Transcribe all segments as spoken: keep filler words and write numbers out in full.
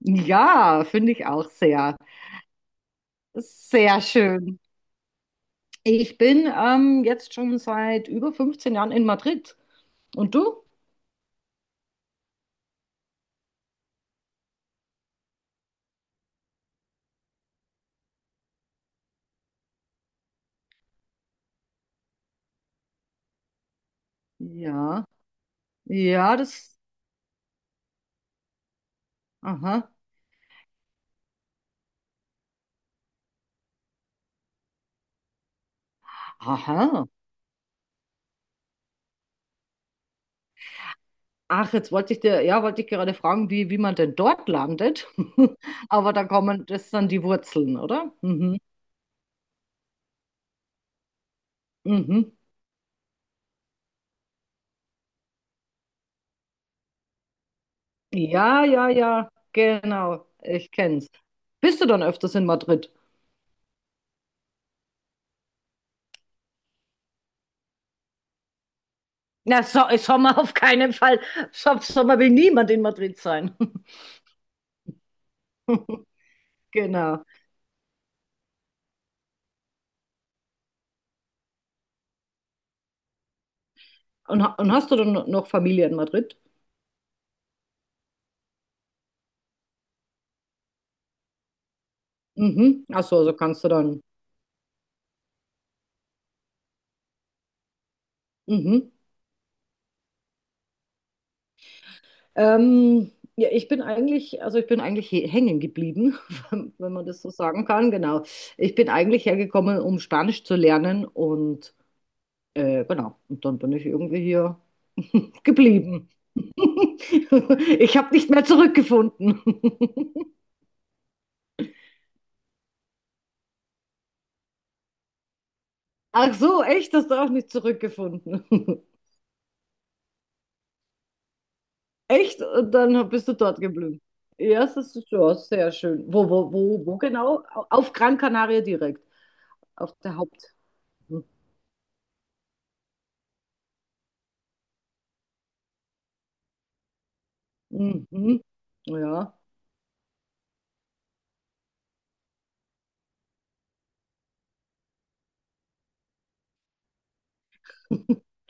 Ja, finde ich auch sehr, sehr schön. Ich bin ähm, jetzt schon seit über fünfzehn Jahren in Madrid. Und du? Ja, ja, das. Aha, aha. Ach, jetzt wollte ich dir, ja, wollte ich gerade fragen, wie, wie man denn dort landet. Aber da kommen, das sind die Wurzeln, oder? Mhm, mhm. Ja, ja, ja, genau. Ich kenn's. Bist du dann öfters in Madrid? Na, so, Sommer auf keinen Fall. Som- Sommer will niemand in Madrid sein. Genau. Und, ha- und hast du dann noch Familie in Madrid? Mhm. Ach so, also kannst du dann. Mhm. Ähm, ja, ich bin eigentlich, also ich bin eigentlich he- hängen geblieben, wenn wenn man das so sagen kann, genau. Ich bin eigentlich hergekommen, um Spanisch zu lernen und äh, genau. Und dann bin ich irgendwie hier geblieben. Ich habe nicht mehr zurückgefunden. Ach so, echt? Hast du auch nicht zurückgefunden? Echt? Und dann hab- bist du dort geblieben. Ja, das ist schon sehr schön. Wo, wo, wo, wo genau? Au- Auf Gran Canaria direkt. Auf der Haupt. Mhm. Ja.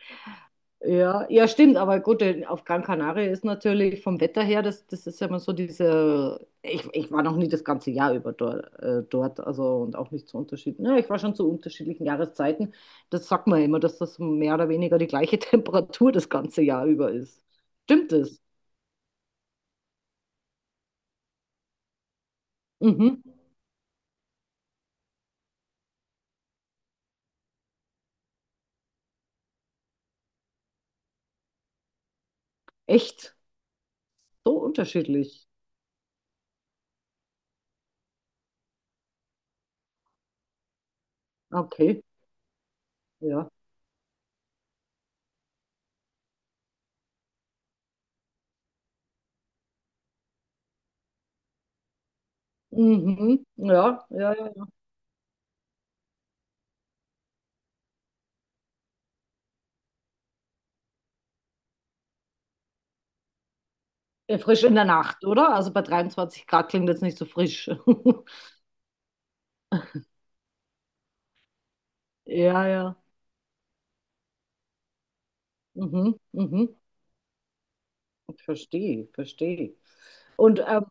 Ja, ja, stimmt, aber gut, denn auf Gran Canaria ist natürlich vom Wetter her, das, das ist ja immer so diese, ich, ich war noch nie das ganze Jahr über dort, äh, dort, also und auch nicht zu unterschiedlichen, ja, ich war schon zu unterschiedlichen Jahreszeiten, das sagt man ja immer, dass das mehr oder weniger die gleiche Temperatur das ganze Jahr über ist. Stimmt das? Mhm. Echt? So unterschiedlich. Okay, ja. Mhm. Ja, ja, ja. Ja, Frisch in der Nacht, oder? Also bei dreiundzwanzig Grad klingt jetzt nicht so frisch. Ja, ja. Mhm, mhm. Verstehe, verstehe. Und ähm,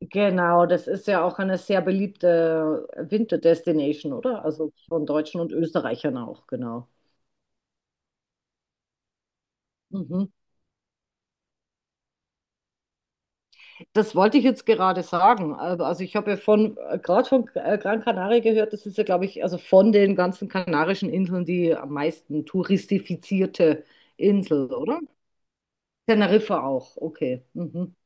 genau, das ist ja auch eine sehr beliebte Winterdestination, oder? Also von Deutschen und Österreichern auch, genau. Mhm. Das wollte ich jetzt gerade sagen. Aber- Also ich habe ja von, gerade von äh, Gran Canaria gehört, das ist ja, glaube ich, also von den ganzen Kanarischen Inseln die am meisten touristifizierte Insel, oder? Teneriffa auch, okay. Mhm.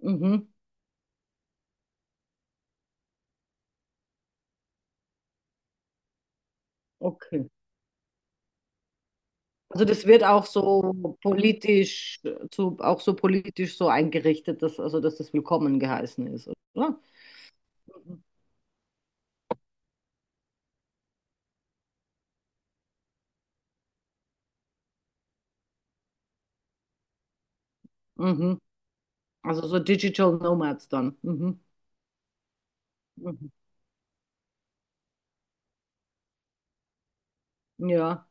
Mhm. Okay. Also das wird auch so politisch, so, auch so politisch so eingerichtet, dass, also dass das willkommen geheißen ist, oder? Mhm. Mhm. Also so Digital Nomads dann. Mhm. Mhm. Ja.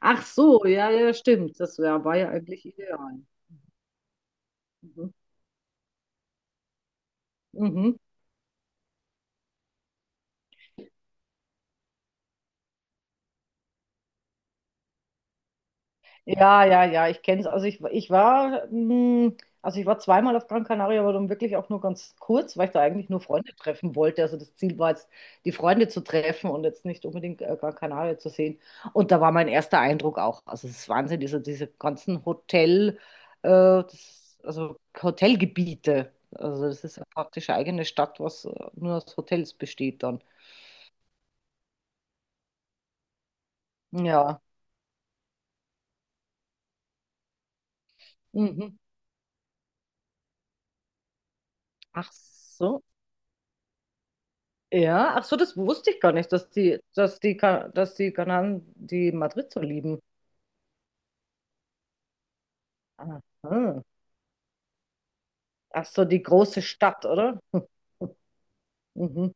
Ach so, ja, ja, ja, stimmt. Das wär, war ja eigentlich ideal. Mhm. Mhm. Ja, ja, ja, ich kenne es. Also ich, ich war, mh, also ich war zweimal auf Gran Canaria, aber dann wirklich auch nur ganz kurz, weil ich da eigentlich nur Freunde treffen wollte. Also das Ziel war jetzt, die Freunde zu treffen und jetzt nicht unbedingt äh, Gran Canaria zu sehen. Und da war mein erster Eindruck auch. Also es ist Wahnsinn, diese, diese ganzen Hotel, äh, das, also Hotelgebiete. Also das ist ja praktisch eine eigene Stadt, was äh, nur aus Hotels besteht dann. Ja. Mhm. Ach so. Ja, ach so, das wusste ich gar nicht, dass die, dass die, Ka- dass die Kanaren die Madrid so lieben. Aha. Ach so, die große Stadt, oder? Hm. Mhm.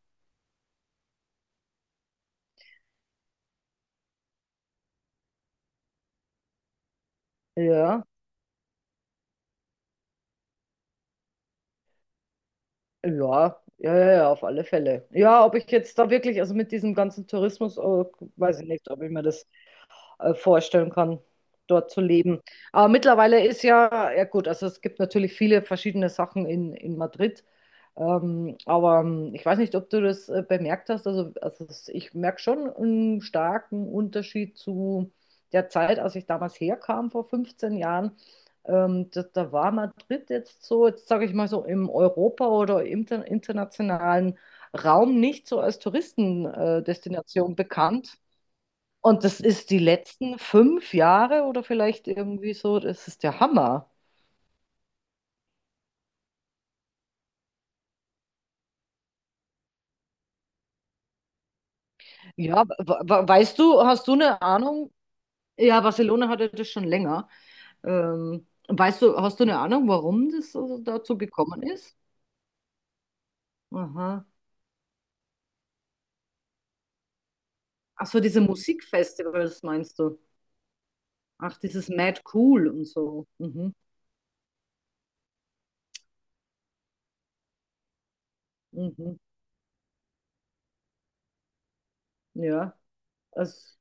Ja, ja, ja, ja, ja, auf alle Fälle. Ja, ob ich jetzt da wirklich, also mit diesem ganzen Tourismus, oh, weiß ich nicht, ob ich mir das äh, vorstellen kann, dort zu leben. Aber mittlerweile ist ja, ja gut, also es gibt natürlich viele verschiedene Sachen in, in Madrid. Ähm, aber ähm, ich weiß nicht, ob du das äh, bemerkt hast. Also, also es- ich merke schon einen starken Unterschied zu der Zeit, als ich damals herkam, vor fünfzehn Jahren. Ähm, da, da war Madrid jetzt so, jetzt sage ich mal so, im Europa- oder im inter internationalen Raum nicht so als Touristendestination äh, Destination bekannt. Und das ist die letzten fünf Jahre oder vielleicht irgendwie so, das ist der Hammer. Ja, we- we- weißt du, hast du eine Ahnung, ja, Barcelona hatte das schon länger. Ähm, weißt du, hast du eine Ahnung, warum das so dazu gekommen ist? Aha. Ach so, diese Musikfestivals meinst du? Ach, dieses Mad Cool und so. Mhm. Mhm. Ja, das,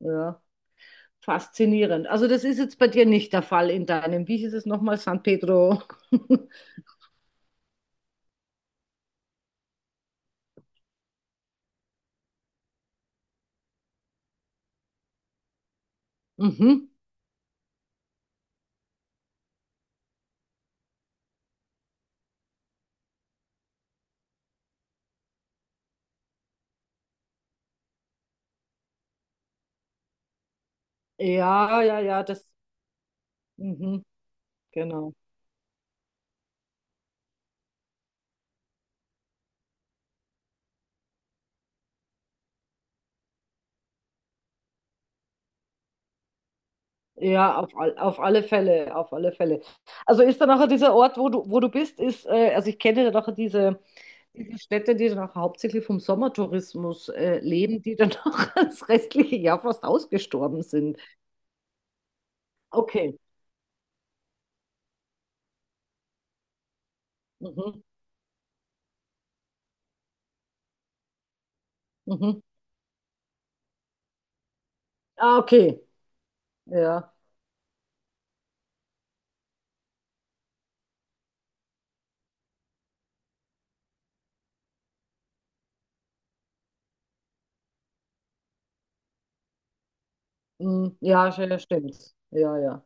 ja, faszinierend. Also das ist jetzt bei dir nicht der Fall in deinem, wie hieß es nochmal, San Pedro? Mhm. Ja, ja, ja, das, mhm. Genau. Ja, auf, all, auf alle Fälle, auf alle Fälle. Also ist dann nachher dieser Ort, wo du, wo du bist, ist, äh, also ich kenne dann nachher diese, diese Städte, die dann auch hauptsächlich vom Sommertourismus äh, leben, die dann auch das restliche Jahr fast ausgestorben sind. Okay. Mhm. Mhm. Ah, okay. Ja. Mhm. Ja, sch- ja, stimmt. Ja, ja.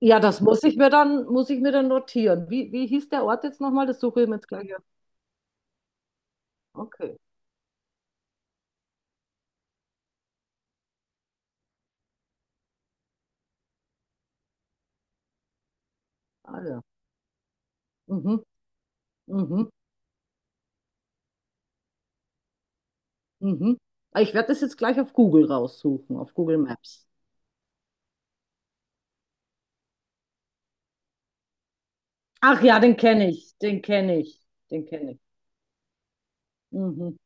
Ja, das muss ich mir dann, muss ich mir dann notieren. Wie, wie hieß der Ort jetzt nochmal? Das suche ich mir jetzt gleich auf. Okay. Ah ja. Mhm. Mhm. Mhm. Aber ich werde das jetzt gleich auf Google raussuchen, auf Google Maps. Ach ja, den kenne ich, den kenne ich, den kenne ich. Mhm.